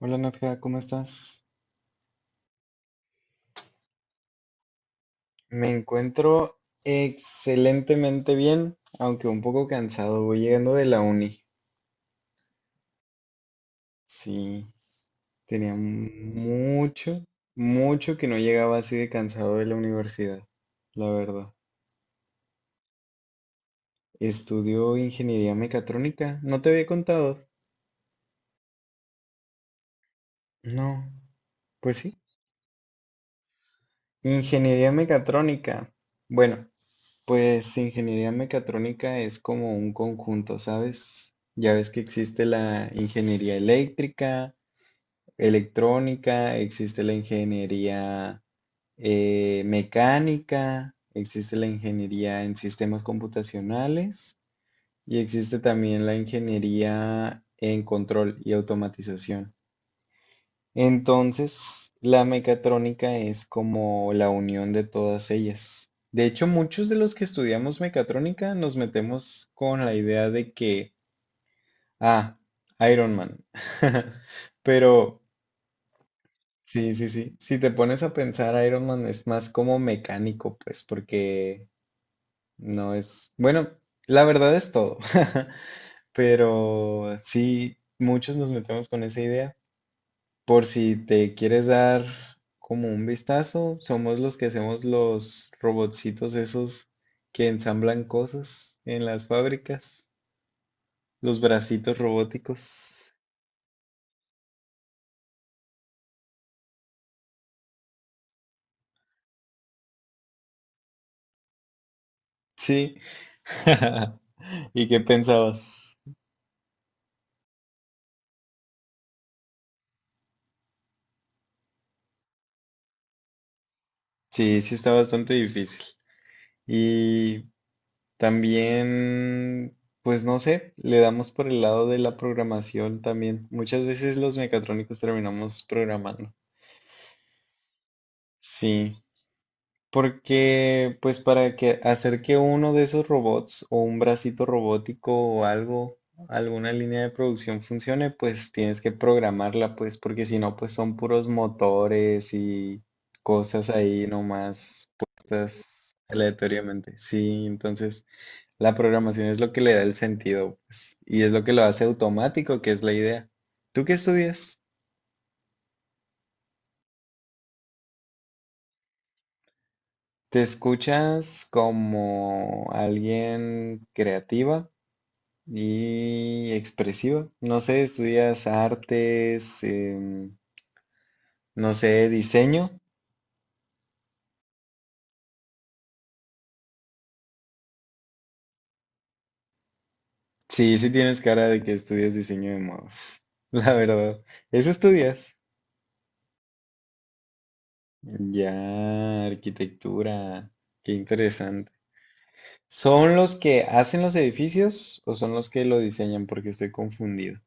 Hola Nadja, ¿cómo estás? Me encuentro excelentemente bien, aunque un poco cansado. Voy llegando de la uni. Sí, tenía mucho que no llegaba así de cansado de la universidad, la verdad. Estudio ingeniería mecatrónica. ¿No te había contado? No, pues sí. Ingeniería mecatrónica. Bueno, pues ingeniería mecatrónica es como un conjunto, ¿sabes? Ya ves que existe la ingeniería eléctrica, electrónica, existe la ingeniería mecánica, existe la ingeniería en sistemas computacionales y existe también la ingeniería en control y automatización. Entonces, la mecatrónica es como la unión de todas ellas. De hecho, muchos de los que estudiamos mecatrónica nos metemos con la idea de que, ah, Iron Man. Pero, sí, sí, sí. Si te pones a pensar, Iron Man es más como mecánico, pues, porque no es... Bueno, la verdad es todo. Pero sí, muchos nos metemos con esa idea. Por si te quieres dar como un vistazo, somos los que hacemos los robotcitos esos que ensamblan cosas en las fábricas, los bracitos robóticos. Sí. ¿Y qué pensabas? Sí, sí está bastante difícil. Y también, pues no sé, le damos por el lado de la programación también. Muchas veces los mecatrónicos terminamos programando. Sí. Porque, pues para que hacer que uno de esos robots o un bracito robótico o algo, alguna línea de producción funcione, pues tienes que programarla, pues porque si no, pues son puros motores y cosas ahí nomás puestas aleatoriamente. Sí, entonces la programación es lo que le da el sentido, pues, y es lo que lo hace automático, que es la idea. ¿Tú qué estudias? ¿Te escuchas como alguien creativa? Y expresiva. No sé, estudias artes, no sé, diseño. Sí, sí tienes cara de que estudias diseño de modos. La verdad. ¿Eso estudias? Ya, arquitectura. Qué interesante. ¿Son los que hacen los edificios o son los que lo diseñan? Porque estoy confundido.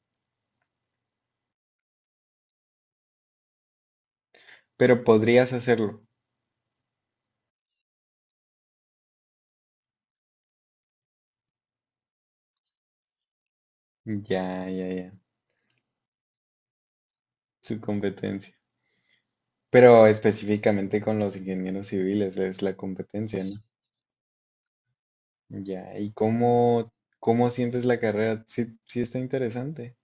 Pero podrías hacerlo. Ya, ya, ya. Su competencia. Pero específicamente con los ingenieros civiles es la competencia, ¿no? Ya, ¿y cómo sientes la carrera? Sí, sí está interesante.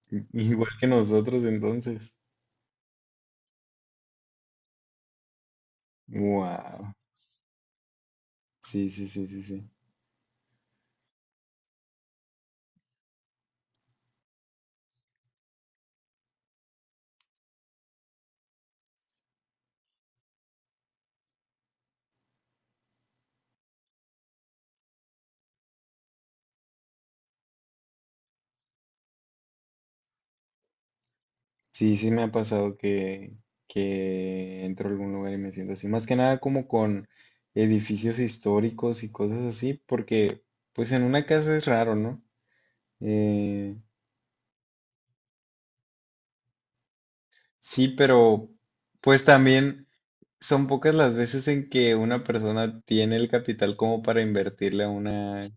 Igual que nosotros entonces. Wow. Sí, sí, sí, sí, sí. Sí, sí me ha pasado que entro a algún lugar y me siento así. Más que nada como con edificios históricos y cosas así, porque pues en una casa es raro, ¿no? Eh, sí, pero pues también son pocas las veces en que una persona tiene el capital como para invertirle a una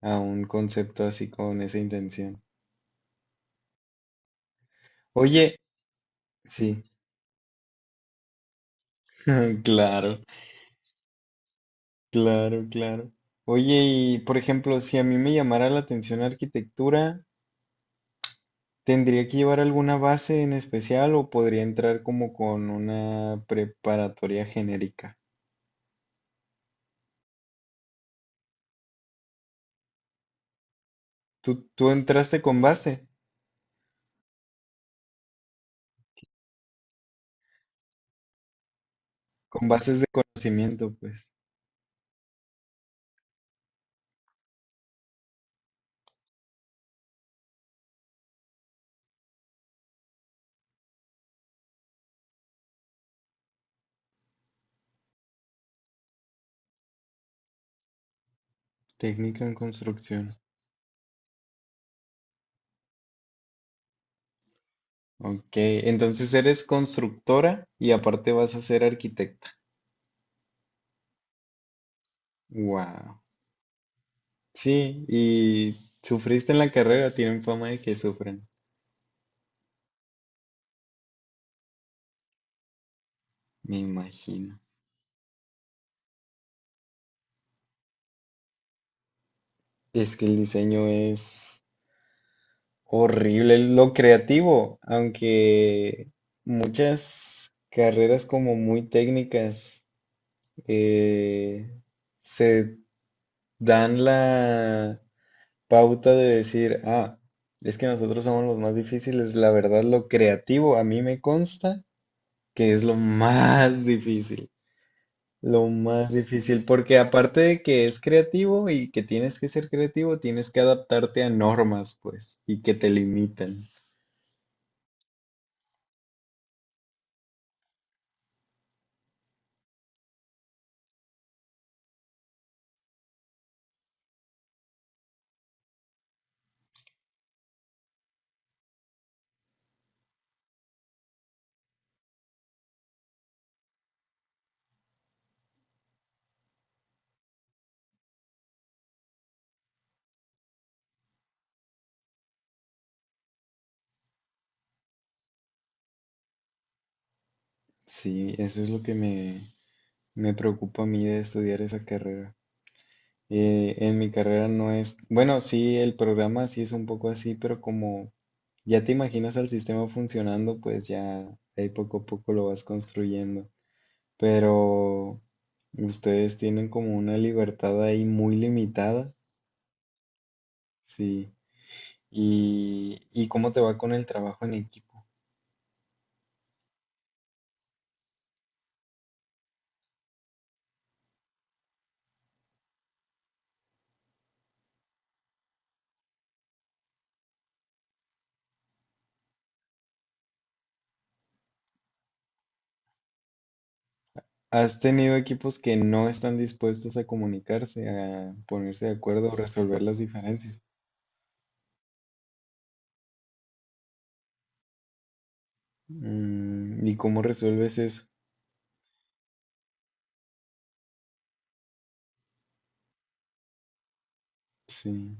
a un concepto así con esa intención. Oye, sí, claro, claro, claro. Oye, y por ejemplo, si a mí me llamara la atención arquitectura, ¿tendría que llevar alguna base en especial o podría entrar como con una preparatoria genérica? Tú entraste con base, con bases de conocimiento, pues, técnica en construcción. Ok, entonces eres constructora y aparte vas a ser arquitecta. Wow. Sí, y sufriste en la carrera, tienen fama de que sufren, me imagino. Es que el diseño es horrible, lo creativo, aunque muchas carreras como muy técnicas eh, se dan la pauta de decir, ah, es que nosotros somos los más difíciles, la verdad, lo creativo a mí me consta que es lo más difícil. Lo más difícil, porque aparte de que es creativo y que tienes que ser creativo, tienes que adaptarte a normas, pues, y que te limitan. Sí, eso es lo que me preocupa a mí de estudiar esa carrera. En mi carrera no es, bueno, sí, el programa sí es un poco así, pero como ya te imaginas al sistema funcionando, pues ya ahí poco a poco lo vas construyendo. Pero ustedes tienen como una libertad ahí muy limitada. Sí. Y cómo te va con el trabajo en equipo. ¿Has tenido equipos que no están dispuestos a comunicarse, a ponerse de acuerdo o resolver las diferencias? Mm, ¿y cómo resuelves eso? Sí,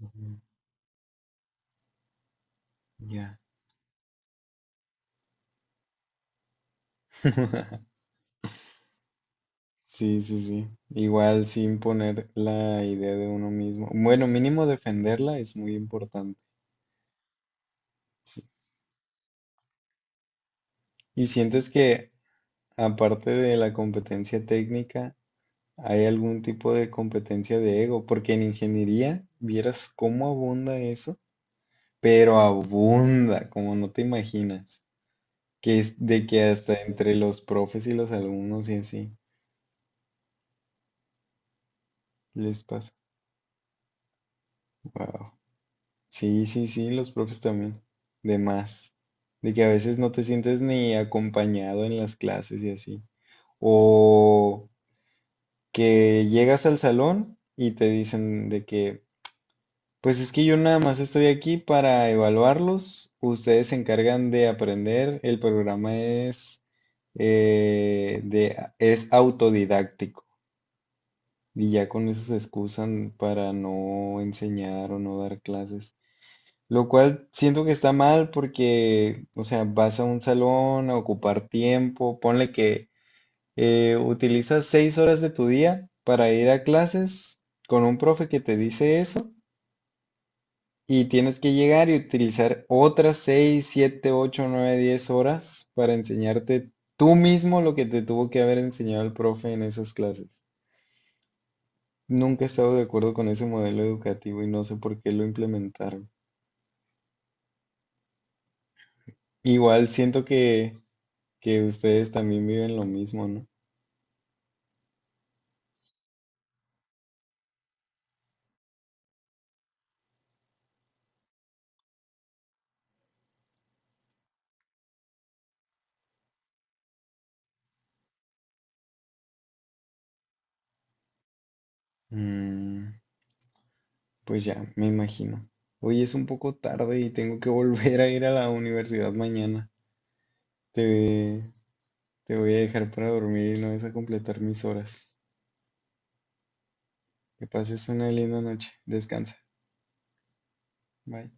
ujú, ya. Sí, sí, sí. Igual sin poner la idea de uno mismo. Bueno, mínimo defenderla es muy importante. Sí. ¿Y sientes que aparte de la competencia técnica, hay algún tipo de competencia de ego, porque en ingeniería vieras cómo abunda eso, pero abunda, como no te imaginas, que es de que hasta entre los profes y los alumnos y así les pasa. Wow. Sí, sí, sí, los profes también, de más, de que a veces no te sientes ni acompañado en las clases y así. O que llegas al salón y te dicen de que pues es que yo nada más estoy aquí para evaluarlos. Ustedes se encargan de aprender. El programa es, es autodidáctico y ya con eso se excusan para no enseñar o no dar clases. Lo cual siento que está mal porque, o sea, vas a un salón a ocupar tiempo. Ponle que utilizas 6 horas de tu día para ir a clases con un profe que te dice eso. Y tienes que llegar y utilizar otras 6 7 8 9 10 horas para enseñarte tú mismo lo que te tuvo que haber enseñado el profe en esas clases. Nunca he estado de acuerdo con ese modelo educativo y no sé por qué lo implementaron. Igual siento que ustedes también viven lo mismo, ¿no? Mm, pues ya, me imagino. Hoy es un poco tarde y tengo que volver a ir a la universidad mañana. Te, te voy a dejar para dormir y no vas a completar mis horas. Que pases una linda noche. Descansa. Bye.